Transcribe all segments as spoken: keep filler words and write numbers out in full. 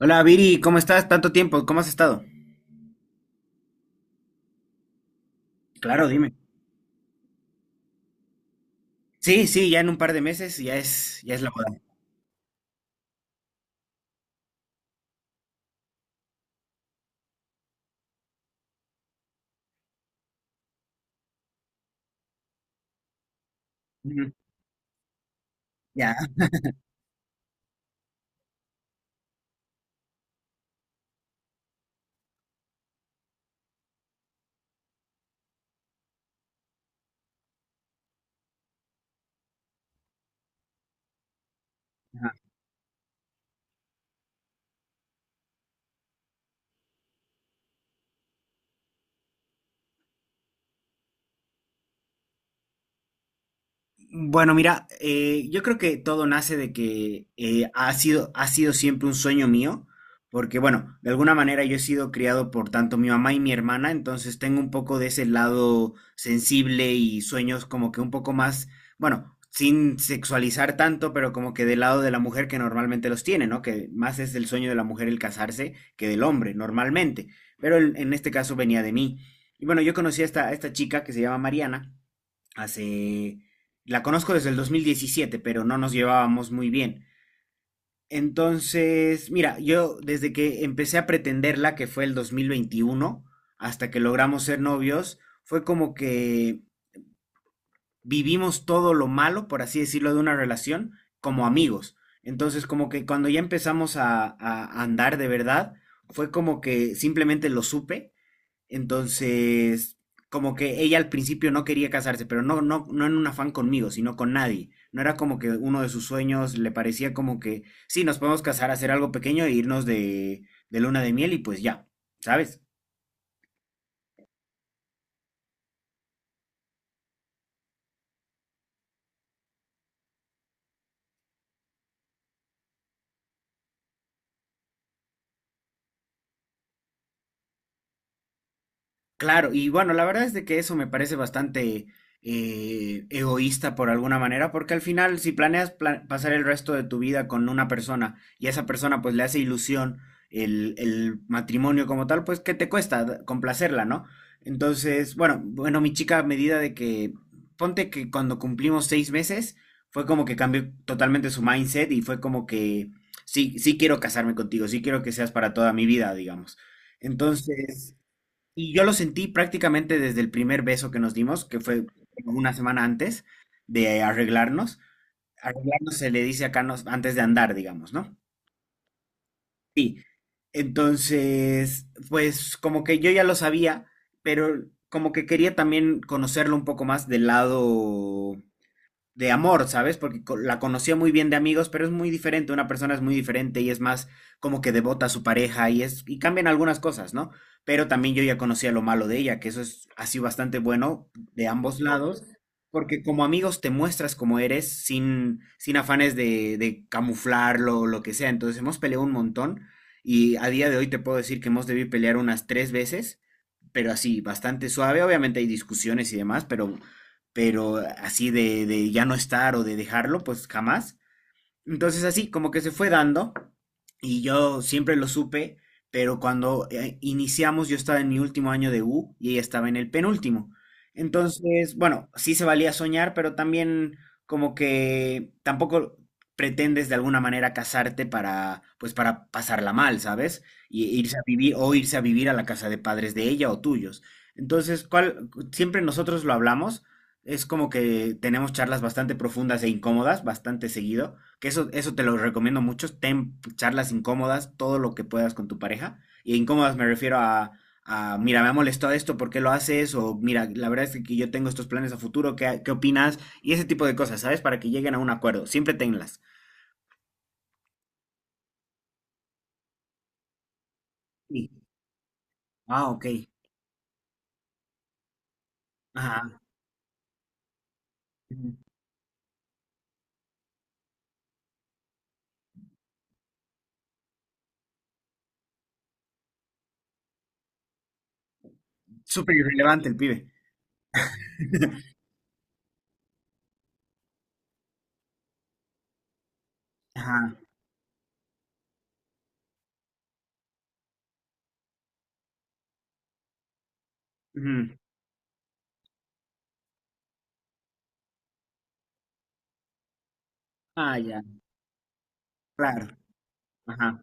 Hola Viri, ¿cómo estás? Tanto tiempo, ¿cómo has estado? Claro, dime. Sí, sí, ya en un par de meses ya es, ya es la boda. Ujú. Ya. Bueno, mira, eh, yo creo que todo nace de que eh, ha sido, ha sido siempre un sueño mío, porque bueno, de alguna manera yo he sido criado por tanto mi mamá y mi hermana, entonces tengo un poco de ese lado sensible y sueños como que un poco más, bueno, sin sexualizar tanto, pero como que del lado de la mujer que normalmente los tiene, ¿no? Que más es el sueño de la mujer el casarse que del hombre, normalmente, pero en en este caso venía de mí. Y bueno, yo conocí a esta, a esta chica que se llama Mariana hace... La conozco desde el dos mil diecisiete, pero no nos llevábamos muy bien. Entonces, mira, yo desde que empecé a pretenderla, que fue el dos mil veintiuno, hasta que logramos ser novios, fue como que vivimos todo lo malo, por así decirlo, de una relación como amigos. Entonces, como que cuando ya empezamos a, a andar de verdad, fue como que simplemente lo supe. Entonces, como que ella al principio no quería casarse, pero no, no, no en un afán conmigo, sino con nadie. No era como que uno de sus sueños, le parecía como que, sí, nos podemos casar, hacer algo pequeño e irnos de, de luna de miel y pues ya, ¿sabes? Claro, y bueno, la verdad es de que eso me parece bastante eh, egoísta por alguna manera, porque al final, si planeas pla- pasar el resto de tu vida con una persona y a esa persona pues le hace ilusión el, el matrimonio como tal, pues ¿qué te cuesta d- complacerla, no? Entonces, bueno, bueno, mi chica, a medida de que, ponte que cuando cumplimos seis meses, fue como que cambió totalmente su mindset y fue como que, sí, sí quiero casarme contigo, sí quiero que seas para toda mi vida, digamos. Entonces... Y yo lo sentí prácticamente desde el primer beso que nos dimos, que fue como una semana antes de arreglarnos. Arreglarnos se le dice acá nos- antes de andar, digamos, ¿no? Sí. Entonces, pues como que yo ya lo sabía, pero como que quería también conocerlo un poco más del lado de amor, ¿sabes? Porque la conocía muy bien de amigos, pero es muy diferente, una persona es muy diferente y es más como que devota a su pareja y es y cambian algunas cosas, ¿no? Pero también yo ya conocía lo malo de ella, que eso es así bastante bueno de ambos lados, porque como amigos te muestras como eres sin sin afanes de de camuflarlo o lo que sea. Entonces hemos peleado un montón y a día de hoy te puedo decir que hemos debido pelear unas tres veces, pero así, bastante suave. Obviamente hay discusiones y demás, pero, pero así de, de ya no estar o de dejarlo, pues jamás. Entonces así, como que se fue dando y yo siempre lo supe, pero cuando eh, iniciamos yo estaba en mi último año de U y ella estaba en el penúltimo. Entonces, bueno, sí se valía soñar, pero también como que tampoco pretendes de alguna manera casarte para, pues para pasarla mal, ¿sabes? Y irse a vivir o irse a vivir a la casa de padres de ella o tuyos. Entonces, ¿cuál? Siempre nosotros lo hablamos. Es como que tenemos charlas bastante profundas e incómodas, bastante seguido, que eso, eso te lo recomiendo mucho. Ten charlas incómodas, todo lo que puedas con tu pareja. Y incómodas me refiero a, a, mira, me ha molestado esto, ¿por qué lo haces? O mira, la verdad es que yo tengo estos planes a futuro, ¿qué, qué opinas? Y ese tipo de cosas, ¿sabes? Para que lleguen a un acuerdo. Siempre tenlas. Sí. Ah, ok. Ajá. Súper irrelevante el pibe. Ajá. Ujú. Ah, ya. Claro. Ajá.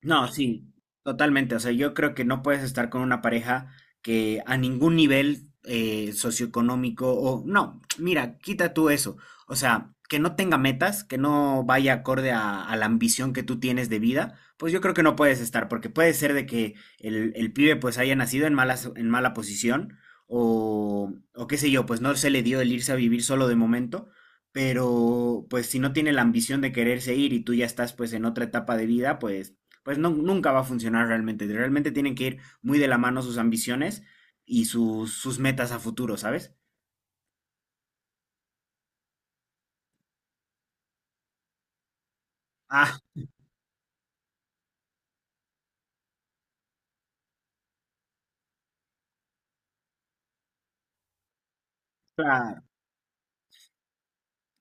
No, sí, totalmente. O sea, yo creo que no puedes estar con una pareja que a ningún nivel eh, socioeconómico o no, mira, quita tú eso. O sea, que no tenga metas, que no vaya acorde a, a la ambición que tú tienes de vida, pues yo creo que no puedes estar, porque puede ser de que el, el pibe pues haya nacido en mala, en mala posición o, o qué sé yo, pues no se le dio el irse a vivir solo de momento, pero pues si no tiene la ambición de quererse ir y tú ya estás pues en otra etapa de vida, pues pues no, nunca va a funcionar realmente. Realmente tienen que ir muy de la mano sus ambiciones y sus, sus metas a futuro, ¿sabes? Ah, claro.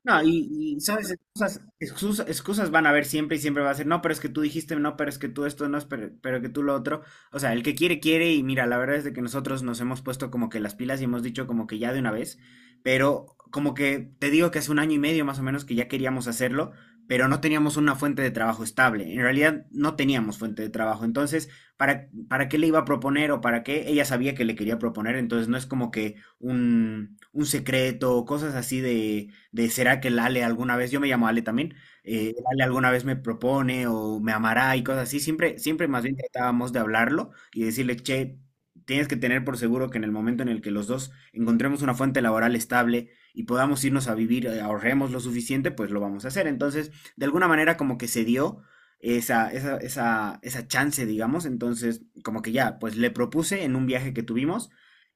No, y, y, sabes, excusas, excusas, excusas van a haber siempre y siempre va a ser, no, pero es que tú dijiste, no, pero es que tú esto, no, es pero, pero que tú lo otro. O sea, el que quiere, quiere, y mira, la verdad es de que nosotros nos hemos puesto como que las pilas y hemos dicho como que ya de una vez, pero como que te digo que hace un año y medio más o menos que ya queríamos hacerlo, pero no teníamos una fuente de trabajo estable. En realidad no teníamos fuente de trabajo. Entonces, ¿para, para qué le iba a proponer o para qué? Ella sabía que le quería proponer, entonces no es como que un, un secreto, cosas así de, de será que el Ale alguna vez, yo me llamo Ale también, eh, el Ale alguna vez me propone o me amará y cosas así, siempre, siempre más bien tratábamos de hablarlo y decirle, che, tienes que tener por seguro que en el momento en el que los dos encontremos una fuente laboral estable y podamos irnos a vivir, eh, ahorremos lo suficiente, pues lo vamos a hacer. Entonces, de alguna manera como que se dio esa, esa, esa, esa chance, digamos. Entonces, como que ya, pues le propuse en un viaje que tuvimos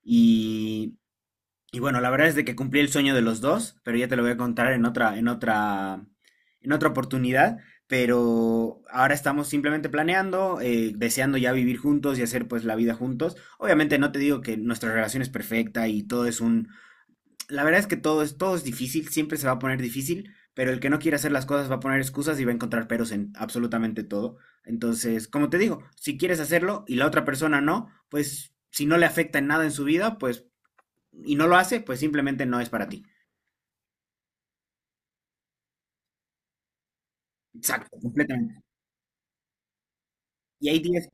y, y bueno, la verdad es de que cumplí el sueño de los dos, pero ya te lo voy a contar en otra, en otra, en otra oportunidad. Pero ahora estamos simplemente planeando, eh, deseando ya vivir juntos y hacer pues la vida juntos. Obviamente no te digo que nuestra relación es perfecta y todo es un... La verdad es que todo es, todo es difícil, siempre se va a poner difícil, pero el que no quiere hacer las cosas va a poner excusas y va a encontrar peros en absolutamente todo. Entonces, como te digo, si quieres hacerlo y la otra persona no, pues si no le afecta en nada en su vida, pues y no lo hace, pues simplemente no es para ti. Exacto, completamente. Y hay días,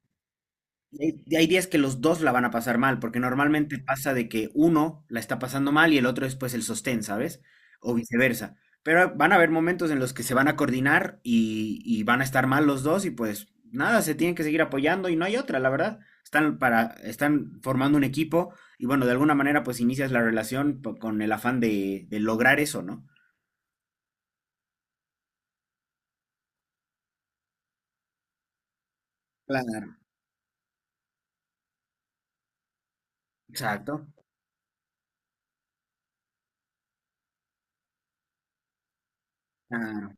hay, hay días que los dos la van a pasar mal, porque normalmente pasa de que uno la está pasando mal y el otro es pues el sostén, ¿sabes? O viceversa. Pero van a haber momentos en los que se van a coordinar y, y van a estar mal los dos y pues nada, se tienen que seguir apoyando y no hay otra, la verdad. Están, para, están formando un equipo y bueno, de alguna manera pues inicias la relación po- con el afán de, de lograr eso, ¿no? Claro. Exacto. Claro.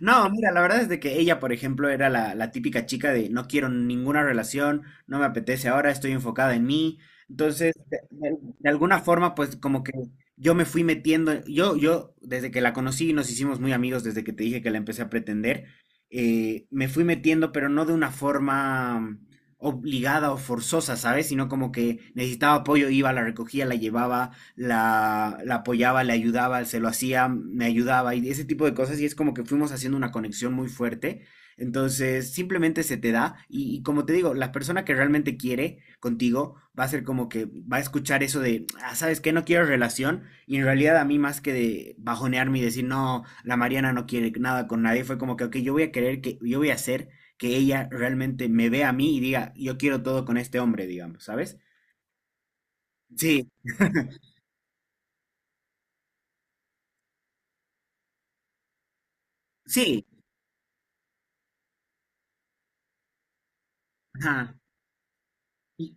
No, mira, la verdad es de que ella, por ejemplo, era la, la típica chica de no quiero ninguna relación, no me apetece ahora, estoy enfocada en mí. Entonces, de, de- de alguna forma, pues como que yo me fui metiendo, yo, yo, desde que la conocí, nos hicimos muy amigos, desde que te dije que la empecé a pretender, eh, me fui metiendo, pero no de una forma obligada o forzosa, ¿sabes? Sino como que necesitaba apoyo, iba, la recogía, la llevaba, la, la apoyaba, le ayudaba, se lo hacía, me ayudaba y ese tipo de cosas y es como que fuimos haciendo una conexión muy fuerte. Entonces, simplemente se te da y, y como te digo, la persona que realmente quiere contigo va a ser como que va a escuchar eso de, ah, ¿sabes qué? No quiero relación y en realidad a mí más que de bajonearme y decir, no, la Mariana no quiere nada con nadie, fue como que, ok, yo voy a querer que, yo voy a hacer que ella realmente me vea a mí y diga, yo quiero todo con este hombre, digamos, ¿sabes? Sí, sí, ajá. Y,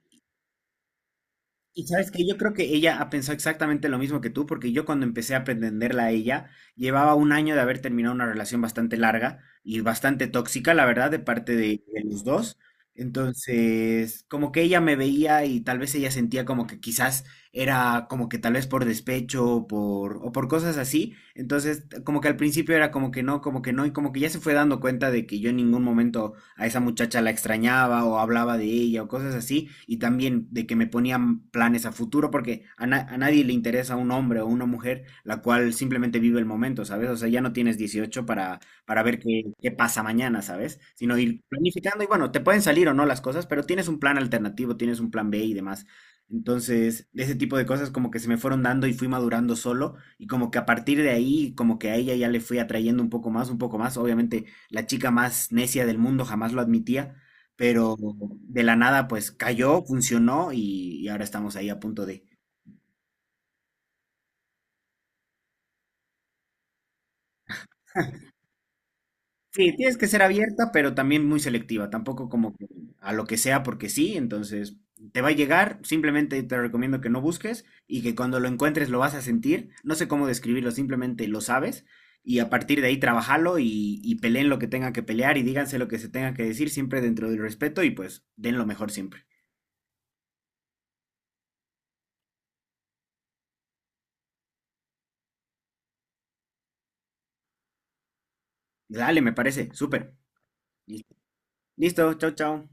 y sabes que yo creo que ella ha pensado exactamente lo mismo que tú, porque yo cuando empecé a pretenderla a ella, llevaba un año de haber terminado una relación bastante larga y bastante tóxica, la verdad, de parte de, de los dos. Entonces, como que ella me veía y tal vez ella sentía como que quizás era como que tal vez por despecho o por, o por cosas así. Entonces, como que al principio era como que no, como que no, y como que ya se fue dando cuenta de que yo en ningún momento a esa muchacha la extrañaba o hablaba de ella o cosas así, y también de que me ponían planes a futuro, porque a, na- a nadie le interesa un hombre o una mujer la cual simplemente vive el momento, ¿sabes? O sea, ya no tienes dieciocho para, para ver qué, qué pasa mañana, ¿sabes? Sino ir planificando y bueno, te pueden salir o no las cosas, pero tienes un plan alternativo, tienes un plan B y demás. Entonces, ese tipo de cosas como que se me fueron dando y fui madurando solo y como que a partir de ahí, como que a ella ya le fui atrayendo un poco más, un poco más. Obviamente, la chica más necia del mundo jamás lo admitía, pero de la nada pues cayó, funcionó y, y ahora estamos ahí a punto de... Sí, tienes que ser abierta, pero también muy selectiva, tampoco como que a lo que sea porque sí, entonces te va a llegar, simplemente te recomiendo que no busques y que cuando lo encuentres lo vas a sentir, no sé cómo describirlo, simplemente lo sabes y a partir de ahí trabajalo y, y peleen lo que tengan que pelear y díganse lo que se tenga que decir siempre dentro del respeto y pues den lo mejor siempre. Dale, me parece, súper. Listo. Listo, chao, chao.